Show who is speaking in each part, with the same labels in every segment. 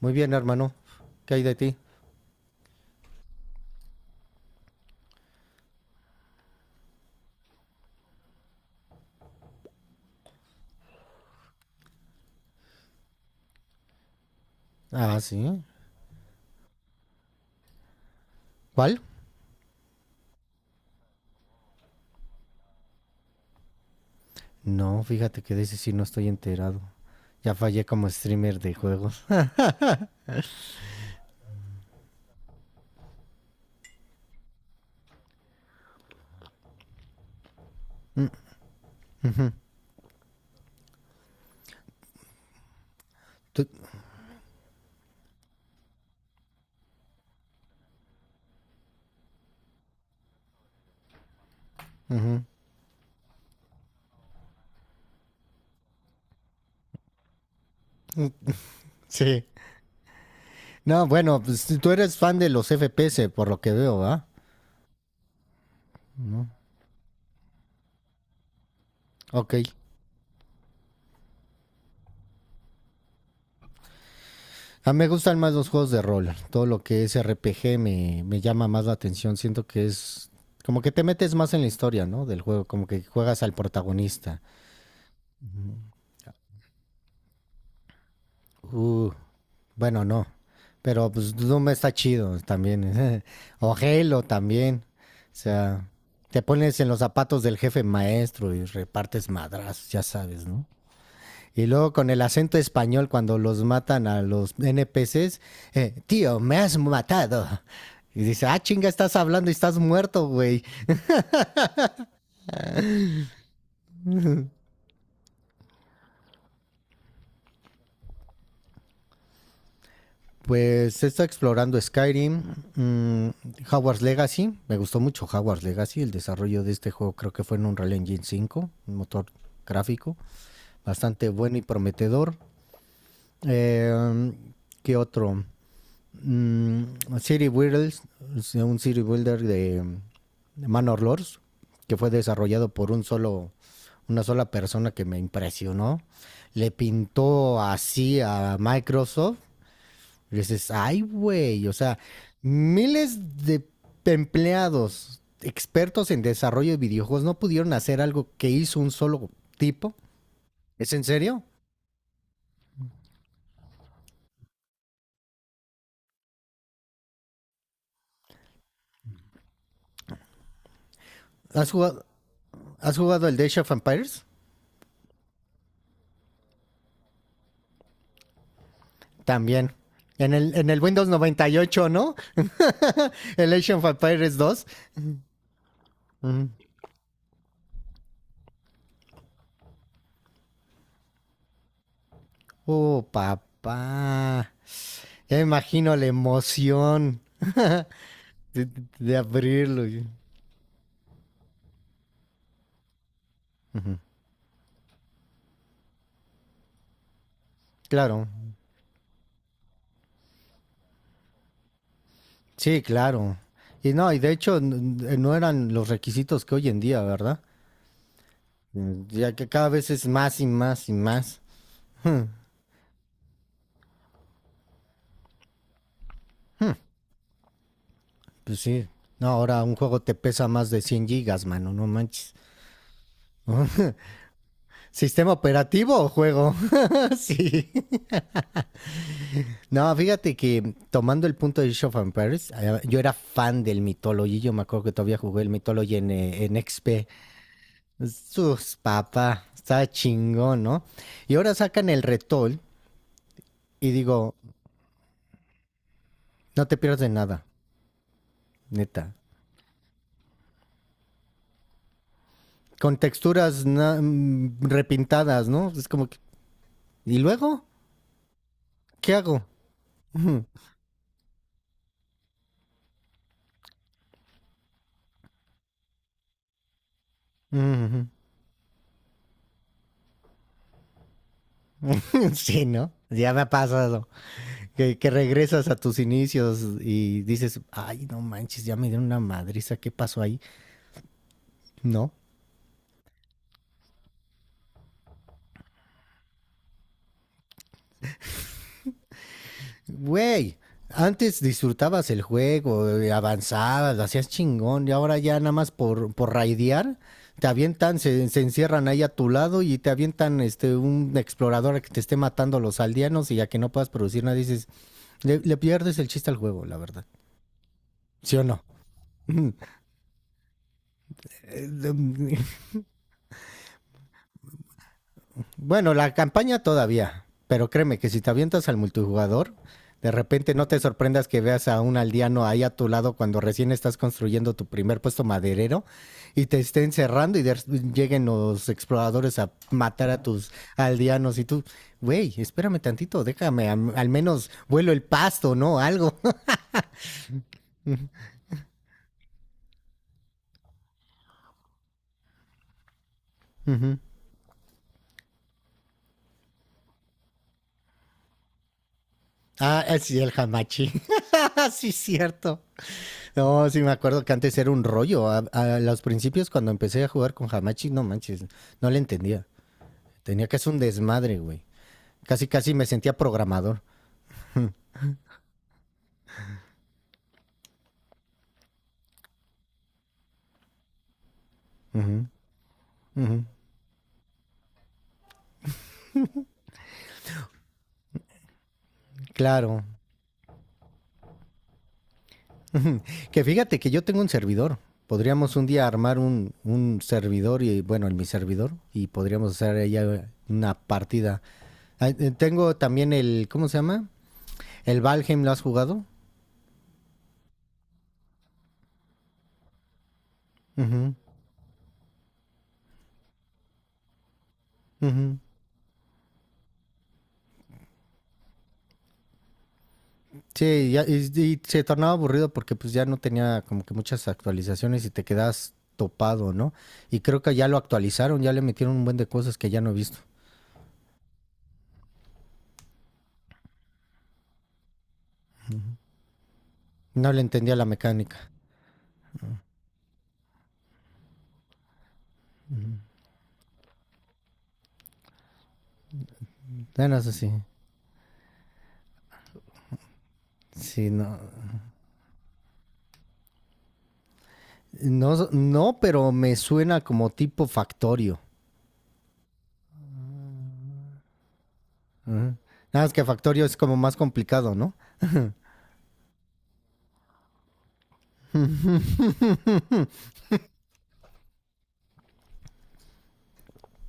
Speaker 1: Muy bien, hermano. ¿Qué hay de ti? Ah, sí. ¿Cuál? No, fíjate que de ese sí no estoy enterado. Ya fallé como streamer de juegos. Tú- Ujú. Sí. No, bueno, pues tú eres fan de los FPS, por lo que veo, ¿va? Ok. A mí me gustan más los juegos de rol. Todo lo que es RPG me llama más la atención. Siento que es como que te metes más en la historia, ¿no? Del juego, como que juegas al protagonista. Uh, bueno, no. Pero pues Doom está chido también. o Halo también. O sea, te pones en los zapatos del jefe maestro y repartes madrazos, ya sabes, ¿no? Y luego con el acento español cuando los matan a los NPCs, tío, me has matado. Y dice, ah, chinga, estás hablando y estás muerto, güey. Pues se está explorando Skyrim, mm, Hogwarts Legacy, me gustó mucho Hogwarts Legacy. El desarrollo de este juego creo que fue en Unreal Engine 5, un motor gráfico bastante bueno y prometedor. Eh, ¿Qué otro? Mm, City Builders, un City Builder de Manor Lords, que fue desarrollado por un una sola persona que me impresionó. Le pintó así a Microsoft y dices, ay, güey, o sea, miles de empleados expertos en desarrollo de videojuegos no pudieron hacer algo que hizo un solo tipo. ¿Es en serio? ¿Has jugado, ¿Has jugado el Dash of Empires? También. En el Windows 98, ¿no? el Age of Empires 2. Mm. Oh, papá. Ya me imagino la emoción de, de abrirlo. Uh -huh. Claro. Sí, claro. Y no, y de hecho n- no eran los requisitos que hoy en día, ¿verdad? Ya que cada vez es más y más y más. Pues sí. No, ahora un juego te pesa más de 100 gigas, mano, no manches. ¿Sistema operativo o juego? Sí. No, fíjate que tomando el punto de Age of Empires, yo era fan del Mythology. Yo me acuerdo que todavía jugué el Mythology en XP. Sus, papá, está chingón, ¿no? Y ahora sacan el Retol y digo, no te pierdas de nada. Neta. Con texturas repintadas, ¿no? Es como que... ¿Y luego? ¿Qué hago? sí, ¿no? Ya me ha pasado. Que regresas a tus inicios y dices, ay, no manches, ya me dieron una madriza, ¿qué pasó ahí? No. Güey, antes disfrutabas el juego, avanzabas, lo hacías chingón, y ahora ya nada más por raidear, te avientan, se encierran ahí a tu lado y te avientan este un explorador que te esté matando a los aldeanos y ya que no puedas producir nada, dices, le pierdes el chiste al juego, la verdad. ¿Sí o no? Bueno, la campaña todavía, pero créeme que si te avientas al multijugador, de repente no te sorprendas que veas a un aldeano ahí a tu lado cuando recién estás construyendo tu primer puesto maderero y te estén cerrando y de- lleguen los exploradores a matar a tus aldeanos y tú, güey, espérame tantito, déjame, am- al, menos vuelo el pasto, ¿no? Algo. Ujú. Sí, el hamachi. sí, cierto. No, sí me acuerdo que antes era un rollo. A los principios cuando empecé a jugar con Hamachi, no manches, no le entendía. Tenía que hacer un desmadre, güey. Casi, casi me sentía programador. Ujú, ujú. Claro. que fíjate que yo tengo un servidor. Podríamos un día armar un servidor y, bueno, en mi servidor, y podríamos hacer ella una partida. Tengo también el, ¿cómo se llama? El Valheim, ¿lo has jugado? Ujú, ujú. Sí, y ya- y se tornaba aburrido porque pues ya no tenía como que muchas actualizaciones y te quedas topado, ¿no? Y creo que ya lo actualizaron, ya le metieron un buen de cosas que ya no he visto. No le entendía la mecánica. Bueno, eso sí. Sí, no. No, no, pero me suena como tipo Factorio. Ujú. Nada más que Factorio es como más complicado, ¿no?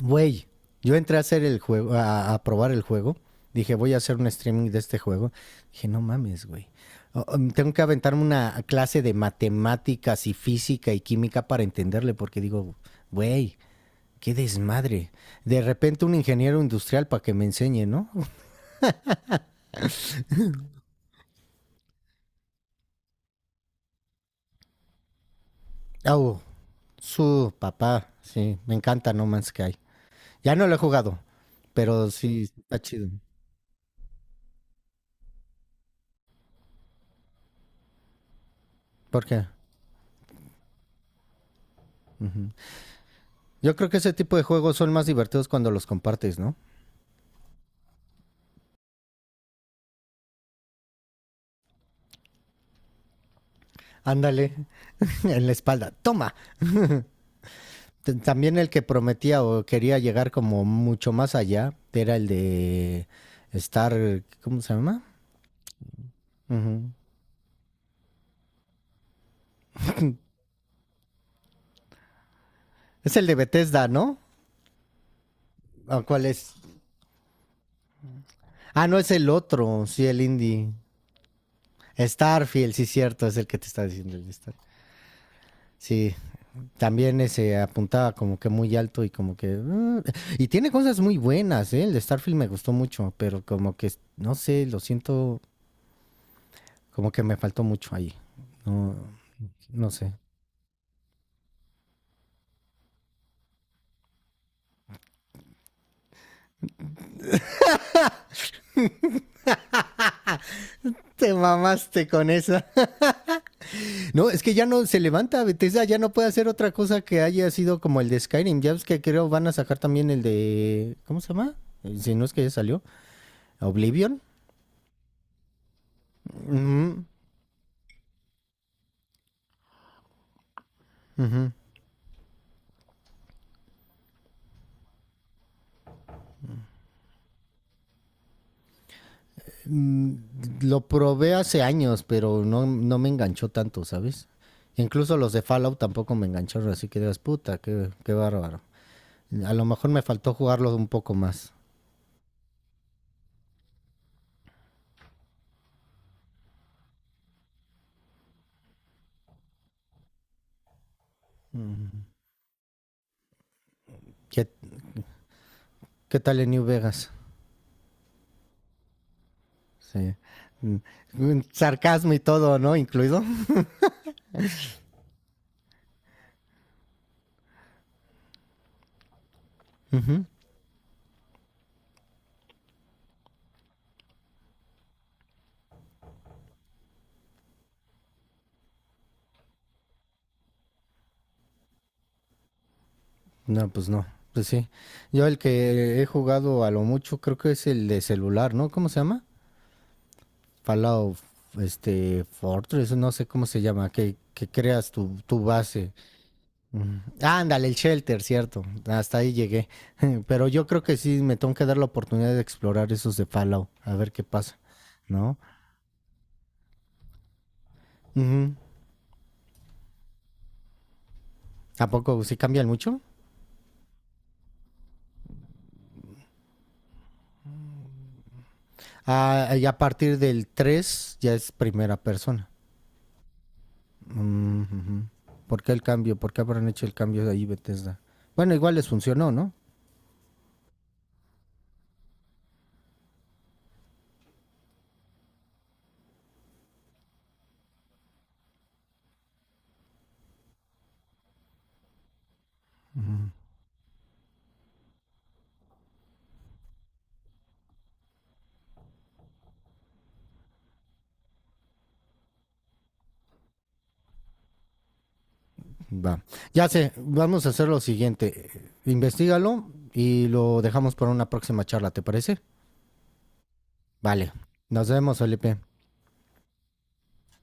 Speaker 1: Güey, yo entré a hacer el juego, a probar el juego. Dije, voy a hacer un streaming de este juego. Dije, no mames, güey. Oh, tengo que aventarme una clase de matemáticas y física y química para entenderle, porque digo, güey, qué desmadre. De repente un ingeniero industrial para que me enseñe, ¿no? Oh, su papá, sí, me encanta No Man's Sky. Ya no lo he jugado, pero sí, sí está chido. ¿Por qué? Ujú. Yo creo que ese tipo de juegos son más divertidos cuando los compartes, ¿no? Ándale, en la espalda. Toma. T- También el que prometía o quería llegar como mucho más allá era el de Star. ¿Cómo se llama? Ujú. ¿Es el de Bethesda, ¿no? ¿O cuál es? Ah, no, es el otro. Sí, el indie. Starfield, sí, cierto, es el que te está diciendo el de Star. Sí, también ese apuntaba como que muy alto y como que... y tiene cosas muy buenas, ¿eh? El de Starfield me gustó mucho, pero como que, no sé, lo siento, como que me faltó mucho ahí. No. No sé. Te mamaste con esa. No, es que ya no se levanta Bethesda, ya no puede hacer otra cosa que haya sido como el de Skyrim. Ya ves que creo van a sacar también el de... ¿Cómo se llama? Si no es que ya salió. Oblivion. Ujú, ujú. Mm, Lo probé hace años, pero no, no me enganchó tanto, ¿sabes? Incluso los de Fallout tampoco me engancharon, así que digas, puta, qué bárbaro. A lo mejor me faltó jugarlo un poco más. Mm. ¿Qué, ¿qué tal en New Vegas? Sí. Mm, sarcasmo y todo, ¿no? Incluido. Ujú. No, pues no. Pues sí. Yo el que he jugado a lo mucho creo que es el de celular, ¿no? ¿Cómo se llama? Fallout, este, Fortress, no sé cómo se llama, que creas tu base. Ujú. Ah, ándale, el Shelter, cierto. Hasta ahí llegué. Pero yo creo que sí me tengo que dar la oportunidad de explorar esos de Fallout, a ver qué pasa, ¿no? Ujú. ¿A poco sí cambian mucho? Ah, y a partir del 3 ya es primera persona. Mm, ujú. ¿Por qué el cambio? ¿Por qué habrán hecho el cambio de ahí, Bethesda? Bueno, igual les funcionó, ¿no? Va. Ya sé, vamos a hacer lo siguiente. Investígalo y lo dejamos para una próxima charla, ¿te parece? Vale. Nos vemos, Felipe.